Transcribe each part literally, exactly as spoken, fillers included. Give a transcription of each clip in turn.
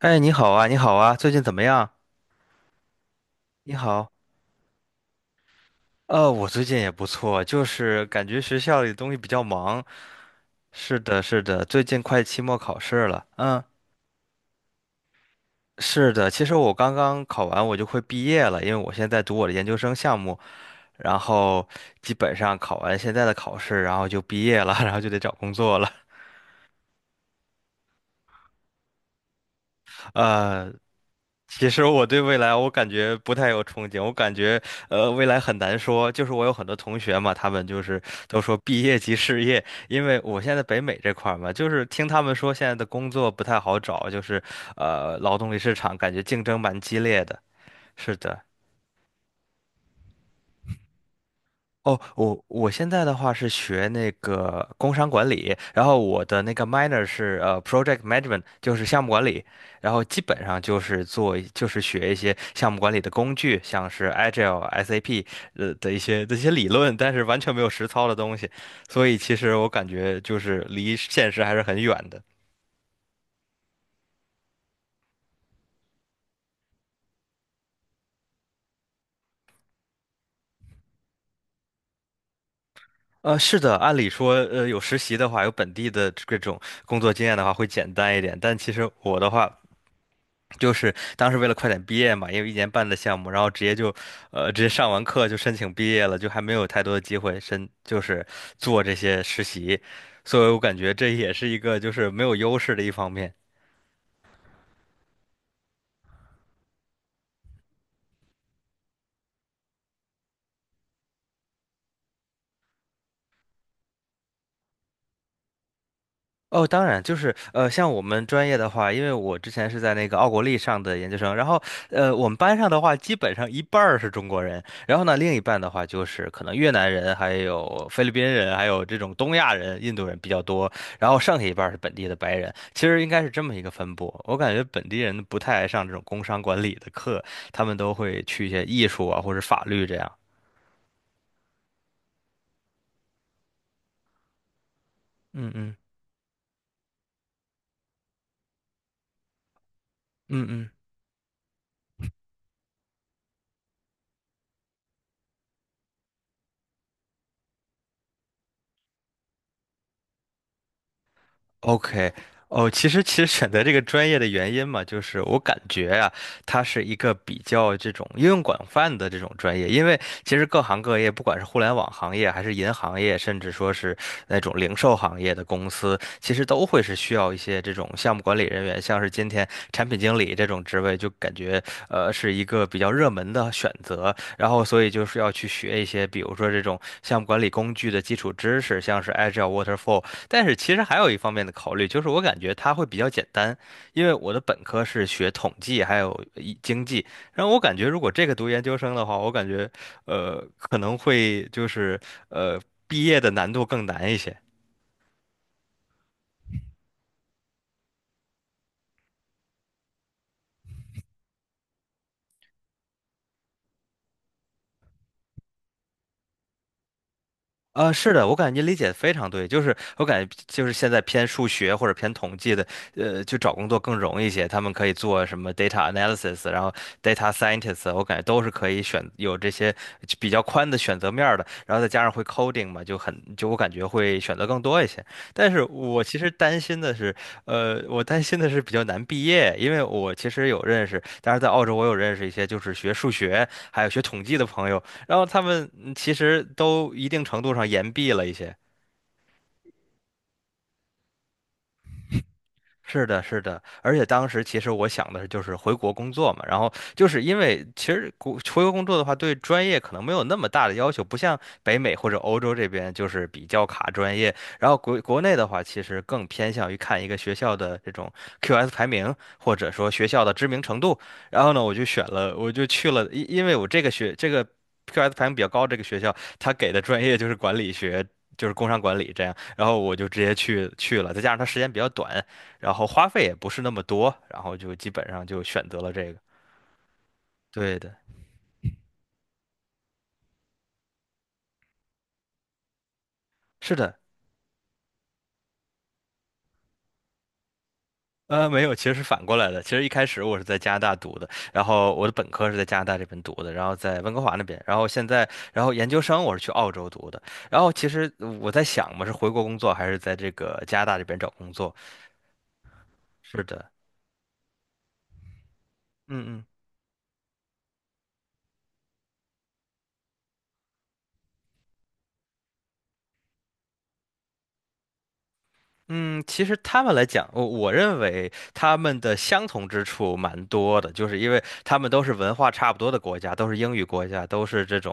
哎，你好啊，你好啊，最近怎么样？你好。呃，我最近也不错，就是感觉学校里东西比较忙。是的，是的，最近快期末考试了。嗯，是的，其实我刚刚考完，我就快毕业了，因为我现在读我的研究生项目，然后基本上考完现在的考试，然后就毕业了，然后就得找工作了。呃，其实我对未来我感觉不太有憧憬，我感觉呃未来很难说。就是我有很多同学嘛，他们就是都说毕业即失业，因为我现在北美这块儿嘛，就是听他们说现在的工作不太好找，就是呃劳动力市场感觉竞争蛮激烈的。是的。哦，我我现在的话是学那个工商管理，然后我的那个 minor 是呃 project management，就是项目管理，然后基本上就是做就是学一些项目管理的工具，像是 Agile、S A P 呃的一些这些理论，但是完全没有实操的东西，所以其实我感觉就是离现实还是很远的。呃，是的，按理说，呃，有实习的话，有本地的这种工作经验的话，会简单一点。但其实我的话，就是当时为了快点毕业嘛，因为一年半的项目，然后直接就，呃，直接上完课就申请毕业了，就还没有太多的机会申，就是做这些实习，所以我感觉这也是一个就是没有优势的一方面。哦，当然，就是呃，像我们专业的话，因为我之前是在那个奥国立上的研究生，然后呃，我们班上的话，基本上一半儿是中国人，然后呢，另一半的话就是可能越南人、还有菲律宾人、还有这种东亚人、印度人比较多，然后剩下一半儿是本地的白人，其实应该是这么一个分布。我感觉本地人不太爱上这种工商管理的课，他们都会去一些艺术啊或者法律这样。嗯嗯嗯嗯。OK，哦，其实其实选择这个专业的原因嘛，就是我感觉啊，它是一个比较这种应用广泛的这种专业，因为其实各行各业，不管是互联网行业，还是银行业，甚至说是那种零售行业的公司，其实都会是需要一些这种项目管理人员，像是今天产品经理这种职位，就感觉呃是一个比较热门的选择。然后所以就是要去学一些，比如说这种项目管理工具的基础知识，像是 Agile、Waterfall。但是其实还有一方面的考虑，就是我感觉它会比较简单，因为我的本科是学统计还有一经济，然后我感觉如果这个读研究生的话，我感觉呃可能会就是呃毕业的难度更难一些。呃，是的，我感觉您理解的非常对，就是我感觉就是现在偏数学或者偏统计的，呃，就找工作更容易一些，他们可以做什么 data analysis，然后 data scientist，我感觉都是可以选有这些比较宽的选择面儿的，然后再加上会 coding 嘛，就很就我感觉会选择更多一些。但是我其实担心的是，呃，我担心的是比较难毕业，因为我其实有认识，当然在澳洲我有认识一些就是学数学还有学统计的朋友，然后他们嗯其实都一定程度上言毕了一些。是的，是的，而且当时其实我想的是就是回国工作嘛，然后就是因为其实国回国工作的话，对专业可能没有那么大的要求，不像北美或者欧洲这边就是比较卡专业，然后国国内的话，其实更偏向于看一个学校的这种 Q S 排名，或者说学校的知名程度，然后呢，我就选了，我就去了，因因为我这个学这个 Q S 排名比较高这个学校，它给的专业就是管理学。就是工商管理这样，然后我就直接去去了，再加上它时间比较短，然后花费也不是那么多，然后就基本上就选择了这个。对的，是的，呃，没有，其实是反过来的。其实一开始我是在加拿大读的，然后我的本科是在加拿大这边读的，然后在温哥华那边，然后现在，然后研究生我是去澳洲读的。然后其实我在想嘛，是回国工作还是在这个加拿大这边找工作？是的，嗯嗯。嗯，其实他们来讲，我我认为他们的相同之处蛮多的，就是因为他们都是文化差不多的国家，都是英语国家，都是这种，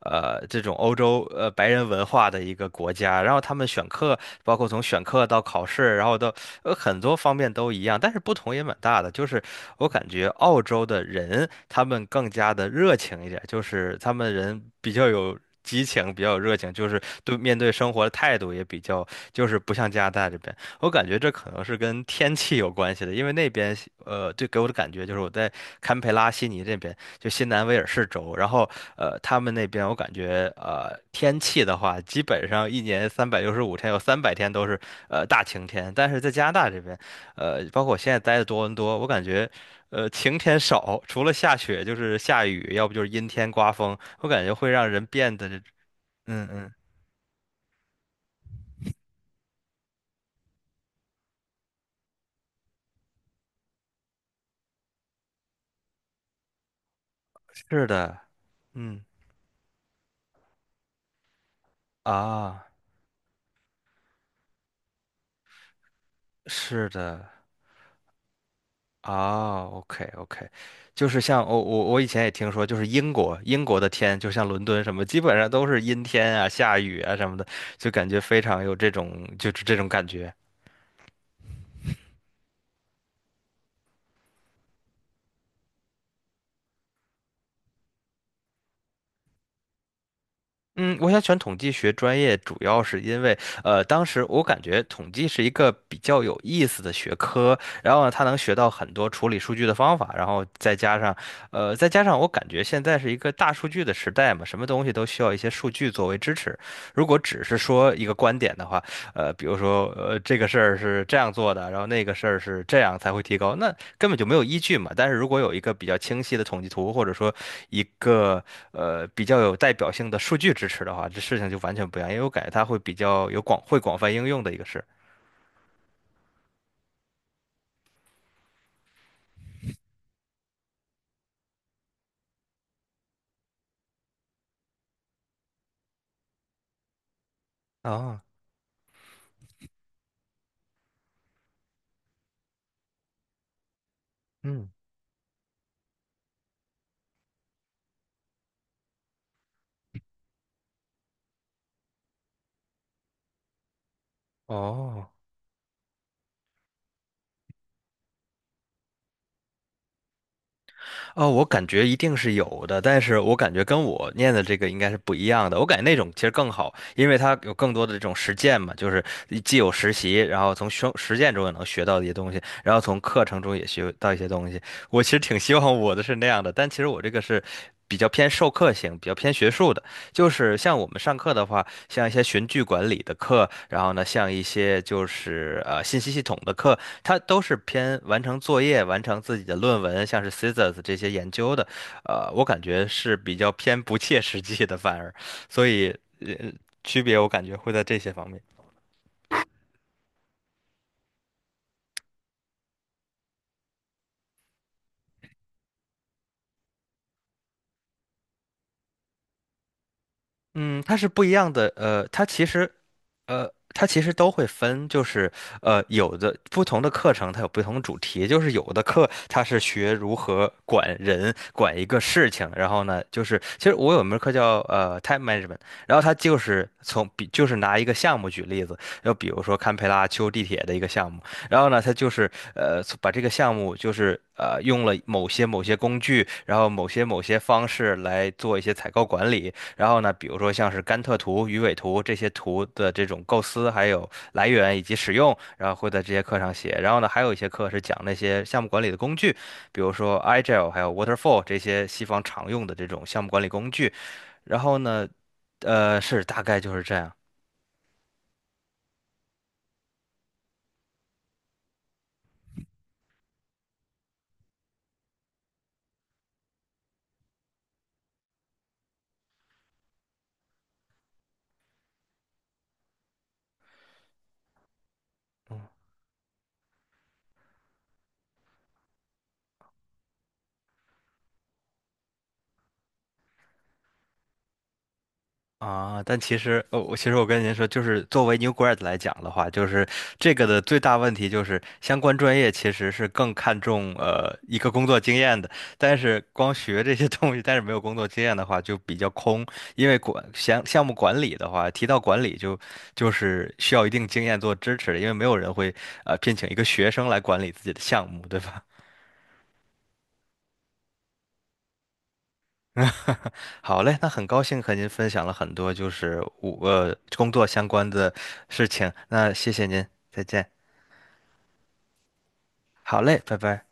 呃，这种欧洲呃白人文化的一个国家。然后他们选课，包括从选课到考试，然后到呃很多方面都一样，但是不同也蛮大的。就是我感觉澳洲的人他们更加的热情一点，就是他们人比较有。激情比较有热情，就是对面对生活的态度也比较。就是不像加拿大这边，我感觉这可能是跟天气有关系的，因为那边西呃，对，给我的感觉就是我在堪培拉、悉尼这边，就新南威尔士州，然后，呃，他们那边我感觉，呃，天气的话，基本上一年三百六十五天，有三百天都是，呃，大晴天，但是在加拿大这边，呃，包括我现在待的多伦多，我感觉。呃，晴天少，除了下雪就是下雨，要不就是阴天刮风，我感觉会让人变得这嗯嗯，是的，嗯啊。是的，啊，OK OK，就是像我我我以前也听说，就是英国英国的天，就像伦敦什么，基本上都是阴天啊、下雨啊什么的，就感觉非常有这种就是这种感觉。嗯，我想选统计学专业，主要是因为，呃，当时我感觉统计是一个比较有意思的学科，然后呢，它能学到很多处理数据的方法，然后再加上，呃，再加上我感觉现在是一个大数据的时代嘛，什么东西都需要一些数据作为支持。如果只是说一个观点的话，呃，比如说呃这个事儿是这样做的，然后那个事儿是这样才会提高，那根本就没有依据嘛。但是如果有一个比较清晰的统计图，或者说一个呃比较有代表性的数据支持的话，这事情就完全不一样，因为我感觉它会比较有广会广泛应用的一个事。啊，嗯，哦。哦，我感觉一定是有的，但是我感觉跟我念的这个应该是不一样的。我感觉那种其实更好，因为它有更多的这种实践嘛，就是既有实习，然后从生实践中也能学到一些东西，然后从课程中也学到一些东西。我其实挺希望我的是那样的，但其实我这个是比较偏授课型，比较偏学术的。就是像我们上课的话，像一些循序管理的课，然后呢，像一些就是呃信息系统的课，它都是偏完成作业、完成自己的论文，像是 Scissors 这些研究的，呃，我感觉是比较偏不切实际的，反而，所以呃区别我感觉会在这些方面。嗯，它是不一样的。呃，它其实，呃，它其实都会分，就是呃，有的不同的课程它有不同的主题，就是有的课它是学如何管人、管一个事情，然后呢，就是其实我有一门课叫呃 time management，然后它就是从比就是拿一个项目举例子，就比如说堪培拉修地铁的一个项目，然后呢，它就是呃把这个项目就是呃用了某些某些工具，然后某些某些方式来做一些采购管理。然后呢，比如说像是甘特图、鱼尾图这些图的这种构思，还有来源以及使用，然后会在这些课上写。然后呢，还有一些课是讲那些项目管理的工具，比如说 Agile 还有 Waterfall 这些西方常用的这种项目管理工具。然后呢，呃，是大概就是这样。嗯啊，但其实，呃、我其实我跟您说，就是作为 new grad 来讲的话，就是这个的最大问题就是相关专业其实是更看重呃一个工作经验的，但是光学这些 东西，但是没有工作经验的话就比较空，因为管项项目管理的话，提到管理就就是需要一定经验做支持的，因为没有人会呃聘请一个学生来管理自己的项目，对吧？好嘞，那很高兴和您分享了很多就是五呃工作相关的事情，那谢谢您，再见。好嘞，拜拜。